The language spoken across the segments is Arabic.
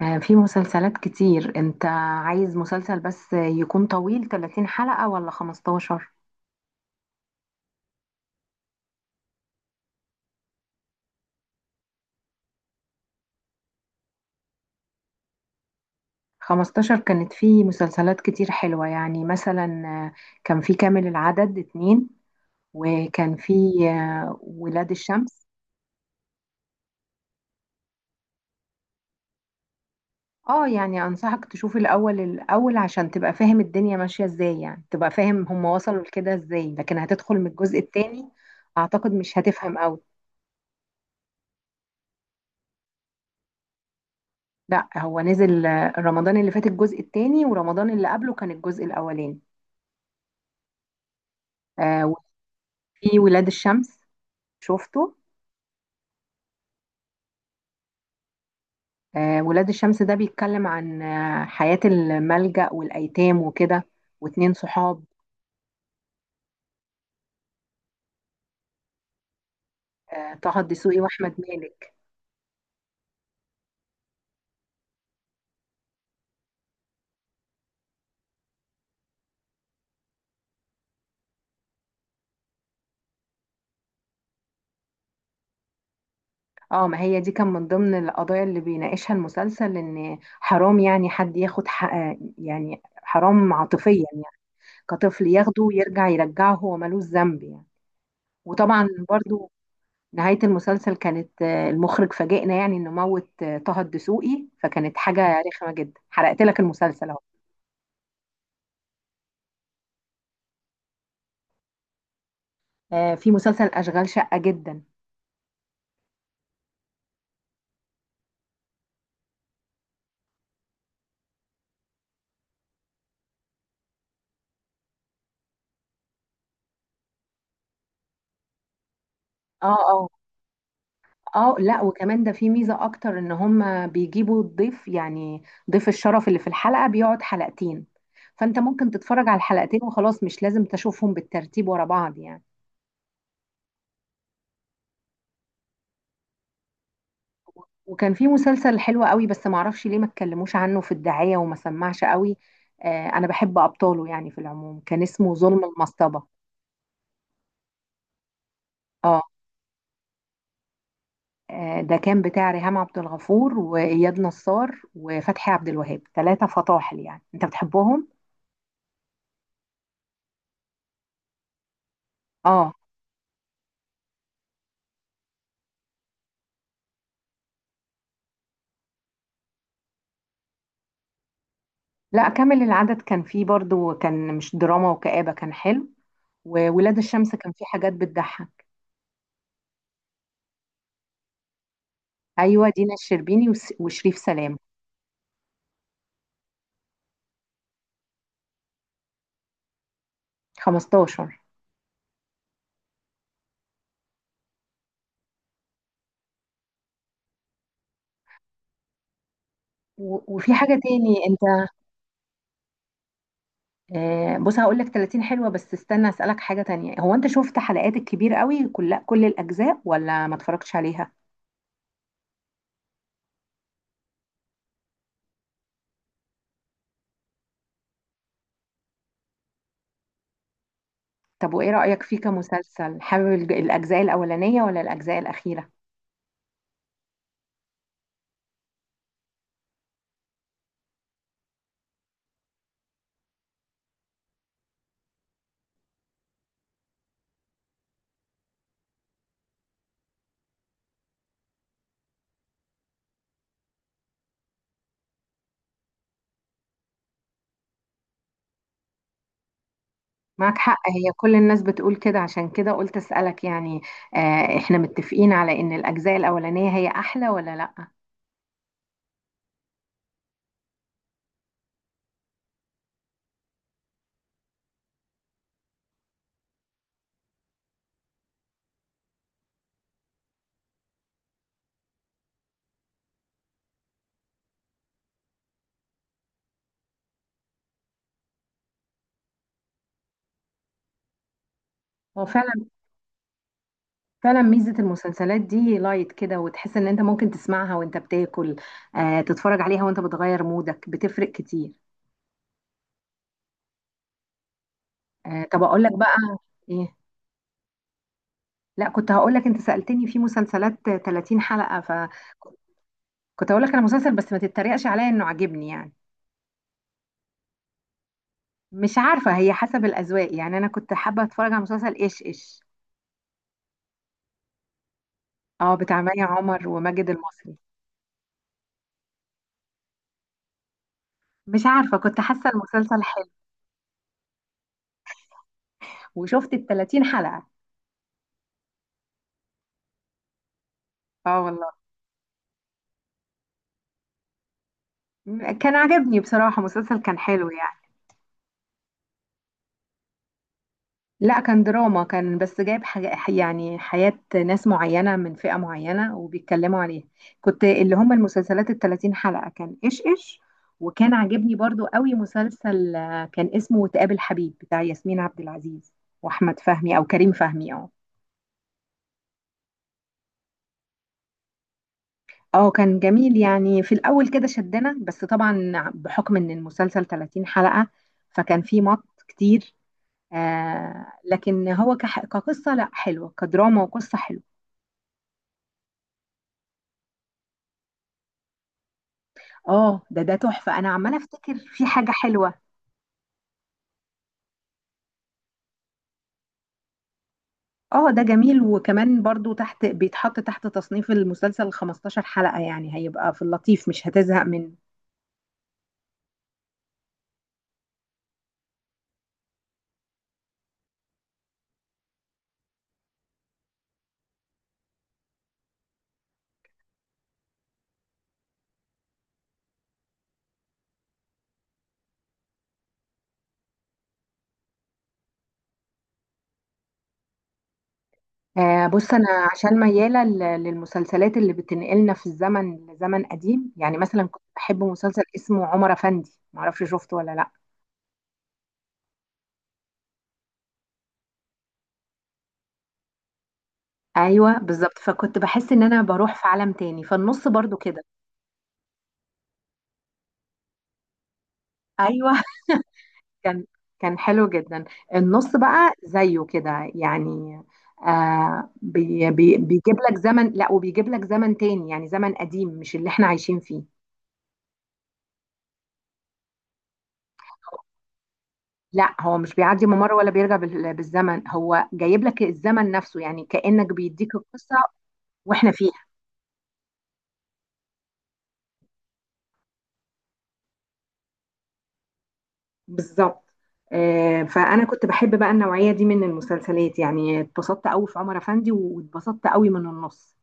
في مسلسلات كتير. انت عايز مسلسل بس يكون طويل 30 حلقة ولا 15. 15 كانت في مسلسلات كتير حلوة، يعني مثلا كان في كامل العدد اتنين، وكان في ولاد الشمس. اه، يعني انصحك تشوف الاول الاول عشان تبقى فاهم الدنيا ماشية ازاي، يعني تبقى فاهم هم وصلوا لكده ازاي، لكن هتدخل من الجزء التاني، اعتقد مش هتفهم قوي. لا، هو نزل رمضان اللي فات الجزء التاني، ورمضان اللي قبله كان الجزء الاولاني. آه، وفي ولاد الشمس شفته. ولاد الشمس ده بيتكلم عن حياة الملجأ والأيتام وكده، واتنين صحاب. طه الدسوقي وأحمد مالك. اه، ما هي دي كان من ضمن القضايا اللي بيناقشها المسلسل، إن حرام يعني حد ياخد حق، يعني حرام عاطفيا يعني، كطفل ياخده ويرجع يرجعه، هو ملوش ذنب يعني. وطبعا برضو نهاية المسلسل كانت، المخرج فاجئنا يعني انه موت طه الدسوقي، فكانت حاجة رخمة جدا حرقت لك المسلسل اهو. في مسلسل اشغال شقة جدا. اه، اه، اه، لا، وكمان ده في ميزة اكتر ان هم بيجيبوا الضيف يعني، ضيف الشرف اللي في الحلقة بيقعد حلقتين، فانت ممكن تتفرج على الحلقتين وخلاص، مش لازم تشوفهم بالترتيب ورا بعض يعني. وكان في مسلسل حلو قوي بس معرفش ليه ما اتكلموش عنه في الدعاية وما سمعش قوي. آه، انا بحب ابطاله يعني في العموم، كان اسمه ظلم المصطبة. اه، ده كان بتاع ريهام عبد الغفور واياد نصار وفتحي عبد الوهاب، ثلاثة فطاحل يعني انت بتحبهم. اه، لا، كامل العدد كان فيه برضو، كان مش دراما وكآبة، كان حلو. وولاد الشمس كان فيه حاجات بتضحك. ايوه، دينا الشربيني وشريف سلام. 15. وفي حاجة تاني انت. بص هقول لك 30 حلوة، بس استنى أسألك حاجة تانية، هو أنت شفت حلقات الكبير قوي كل الأجزاء ولا ما اتفرجتش عليها؟ طب وإيه رأيك فيه كمسلسل؟ حابب الأجزاء الأولانية ولا الأجزاء الأخيرة؟ معك حق، هي كل الناس بتقول كده، عشان كده قلت أسألك يعني. إحنا متفقين على إن الأجزاء الأولانية هي أحلى ولا لأ؟ هو فعلا فعلا ميزة المسلسلات دي لايت كده، وتحس إن أنت ممكن تسمعها وأنت بتاكل، تتفرج عليها وأنت بتغير مودك، بتفرق كتير. طب أقول لك بقى إيه؟ لا، كنت هقول لك انت سألتني في مسلسلات 30 حلقة، فكنت هقول لك انا مسلسل بس ما تتريقش عليا انه عاجبني يعني. مش عارفة، هي حسب الأذواق يعني، انا كنت حابة اتفرج على مسلسل ايش ايش. اه، بتاع مي عمر وماجد المصري. مش عارفة، كنت حاسة المسلسل حلو. وشفت ال 30 حلقة. اه، والله كان عاجبني بصراحة، مسلسل كان حلو يعني. لا، كان دراما، كان بس جايب حاجة يعني حياة ناس معينة من فئة معينة وبيتكلموا عليها. كنت اللي هم المسلسلات التلاتين حلقة كان إيش إيش. وكان عاجبني برضو قوي مسلسل، كان اسمه وتقابل حبيب بتاع ياسمين عبد العزيز وأحمد فهمي أو كريم فهمي. أه اه كان جميل يعني، في الأول كده شدنا، بس طبعا بحكم إن المسلسل 30 حلقة فكان فيه مط كتير. آه، لكن هو كقصة، لا، حلوة كدراما وقصة حلوة. اه، ده تحفة، انا عمالة افتكر في حاجة حلوة. اه، ده جميل، وكمان برضو تحت بيتحط تحت تصنيف المسلسل 15 حلقة، يعني هيبقى في اللطيف مش هتزهق منه. آه، بص انا عشان ميالة للمسلسلات اللي بتنقلنا في الزمن لزمن قديم، يعني مثلا كنت بحب مسلسل اسمه عمر افندي، معرفش شفته ولا لا. ايوه بالظبط، فكنت بحس ان انا بروح في عالم تاني، فالنص برضو كده. ايوه. كان كان حلو جدا. النص بقى زيه كده يعني، آه بي بي بيجيب لك زمن، لا، وبيجيب لك زمن تاني يعني، زمن قديم مش اللي احنا عايشين فيه. لا، هو مش بيعدي ممر ولا بيرجع بالزمن، هو جايب لك الزمن نفسه يعني، كأنك بيديك القصة واحنا فيها. بالظبط. فأنا كنت بحب بقى النوعية دي من المسلسلات يعني، اتبسطت قوي في عمر أفندي، واتبسطت قوي من النص.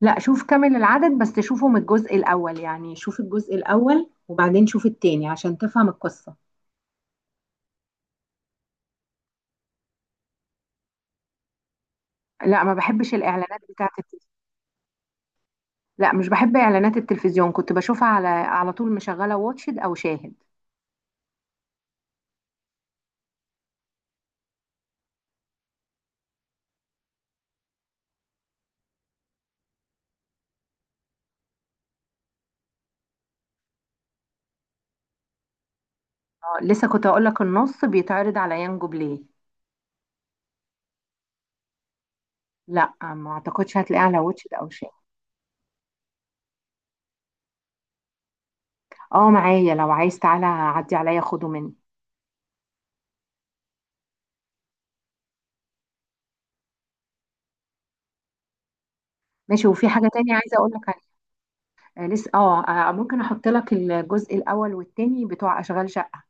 لا، شوف كامل العدد بس شوفه من الجزء الأول، يعني شوف الجزء الأول وبعدين شوف التاني عشان تفهم القصة. لا، ما بحبش الإعلانات بتاعة التلفزيون. لا، مش بحب إعلانات التلفزيون، كنت بشوفها على على طول مشغلة واتشد أو شاهد. لسه كنت أقول لك النص بيتعرض على يانجو بلاي. لا، ما أعتقدش هتلاقيه على واتشد أو شاهد. اه، معايا، لو عايز تعالى عدي عليا خده مني. ماشي، وفي حاجة تانية عايزة أقول لك عليها. لسه اه. ممكن أحط لك الجزء الأول والتاني بتوع أشغال شقة.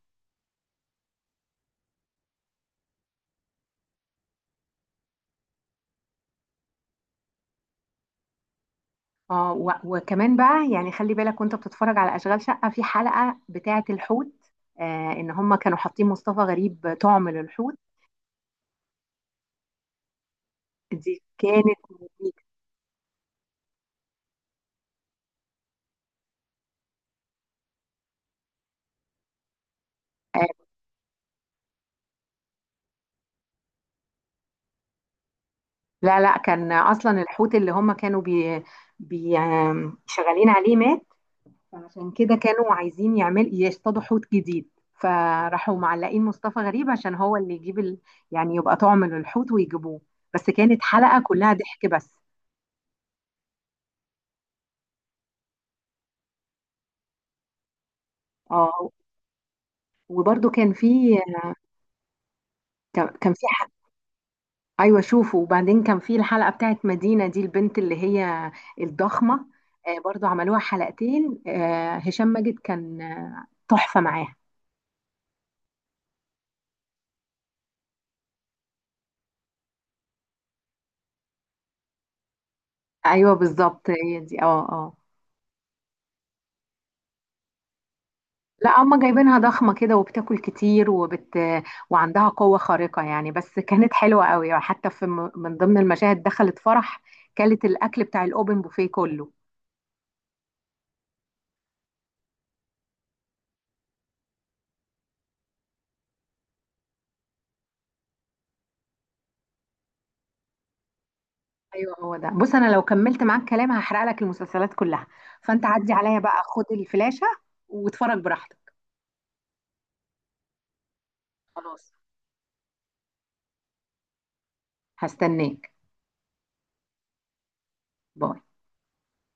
اه، وكمان بقى يعني خلي بالك وانت بتتفرج على اشغال شقه في حلقه بتاعه الحوت. آه، ان هم كانوا حاطين مصطفى غريب طعم للحوت. دي كانت مميتة. آه، لا، لا، كان اصلا الحوت اللي هم كانوا بي بي آم، شغالين عليه مات، فعشان كده كانوا عايزين يعمل يصطادوا حوت جديد. فراحوا معلقين مصطفى غريب عشان هو اللي يجيب ال... يعني يبقى طعم للحوت ويجيبوه. بس كانت حلقه كلها ضحك بس. اه، وبرده كان في ايوه، شوفوا. وبعدين كان في الحلقه بتاعت مدينه دي، البنت اللي هي الضخمه. آه، برضو عملوها حلقتين. آه، هشام ماجد كان تحفه معاها. ايوه، بالظبط هي دي. اه، اه. لا، هما جايبينها ضخمه كده وبتاكل كتير وعندها قوه خارقه يعني، بس كانت حلوه قوي. وحتى في من ضمن المشاهد دخلت فرح كلت الاكل بتاع الاوبن بوفيه كله. ايوه، هو ده، بص انا لو كملت معاك كلام هحرق لك المسلسلات كلها. فانت عدي عليا بقى، خد الفلاشه واتفرج براحتك. خلاص، هستناك. باي.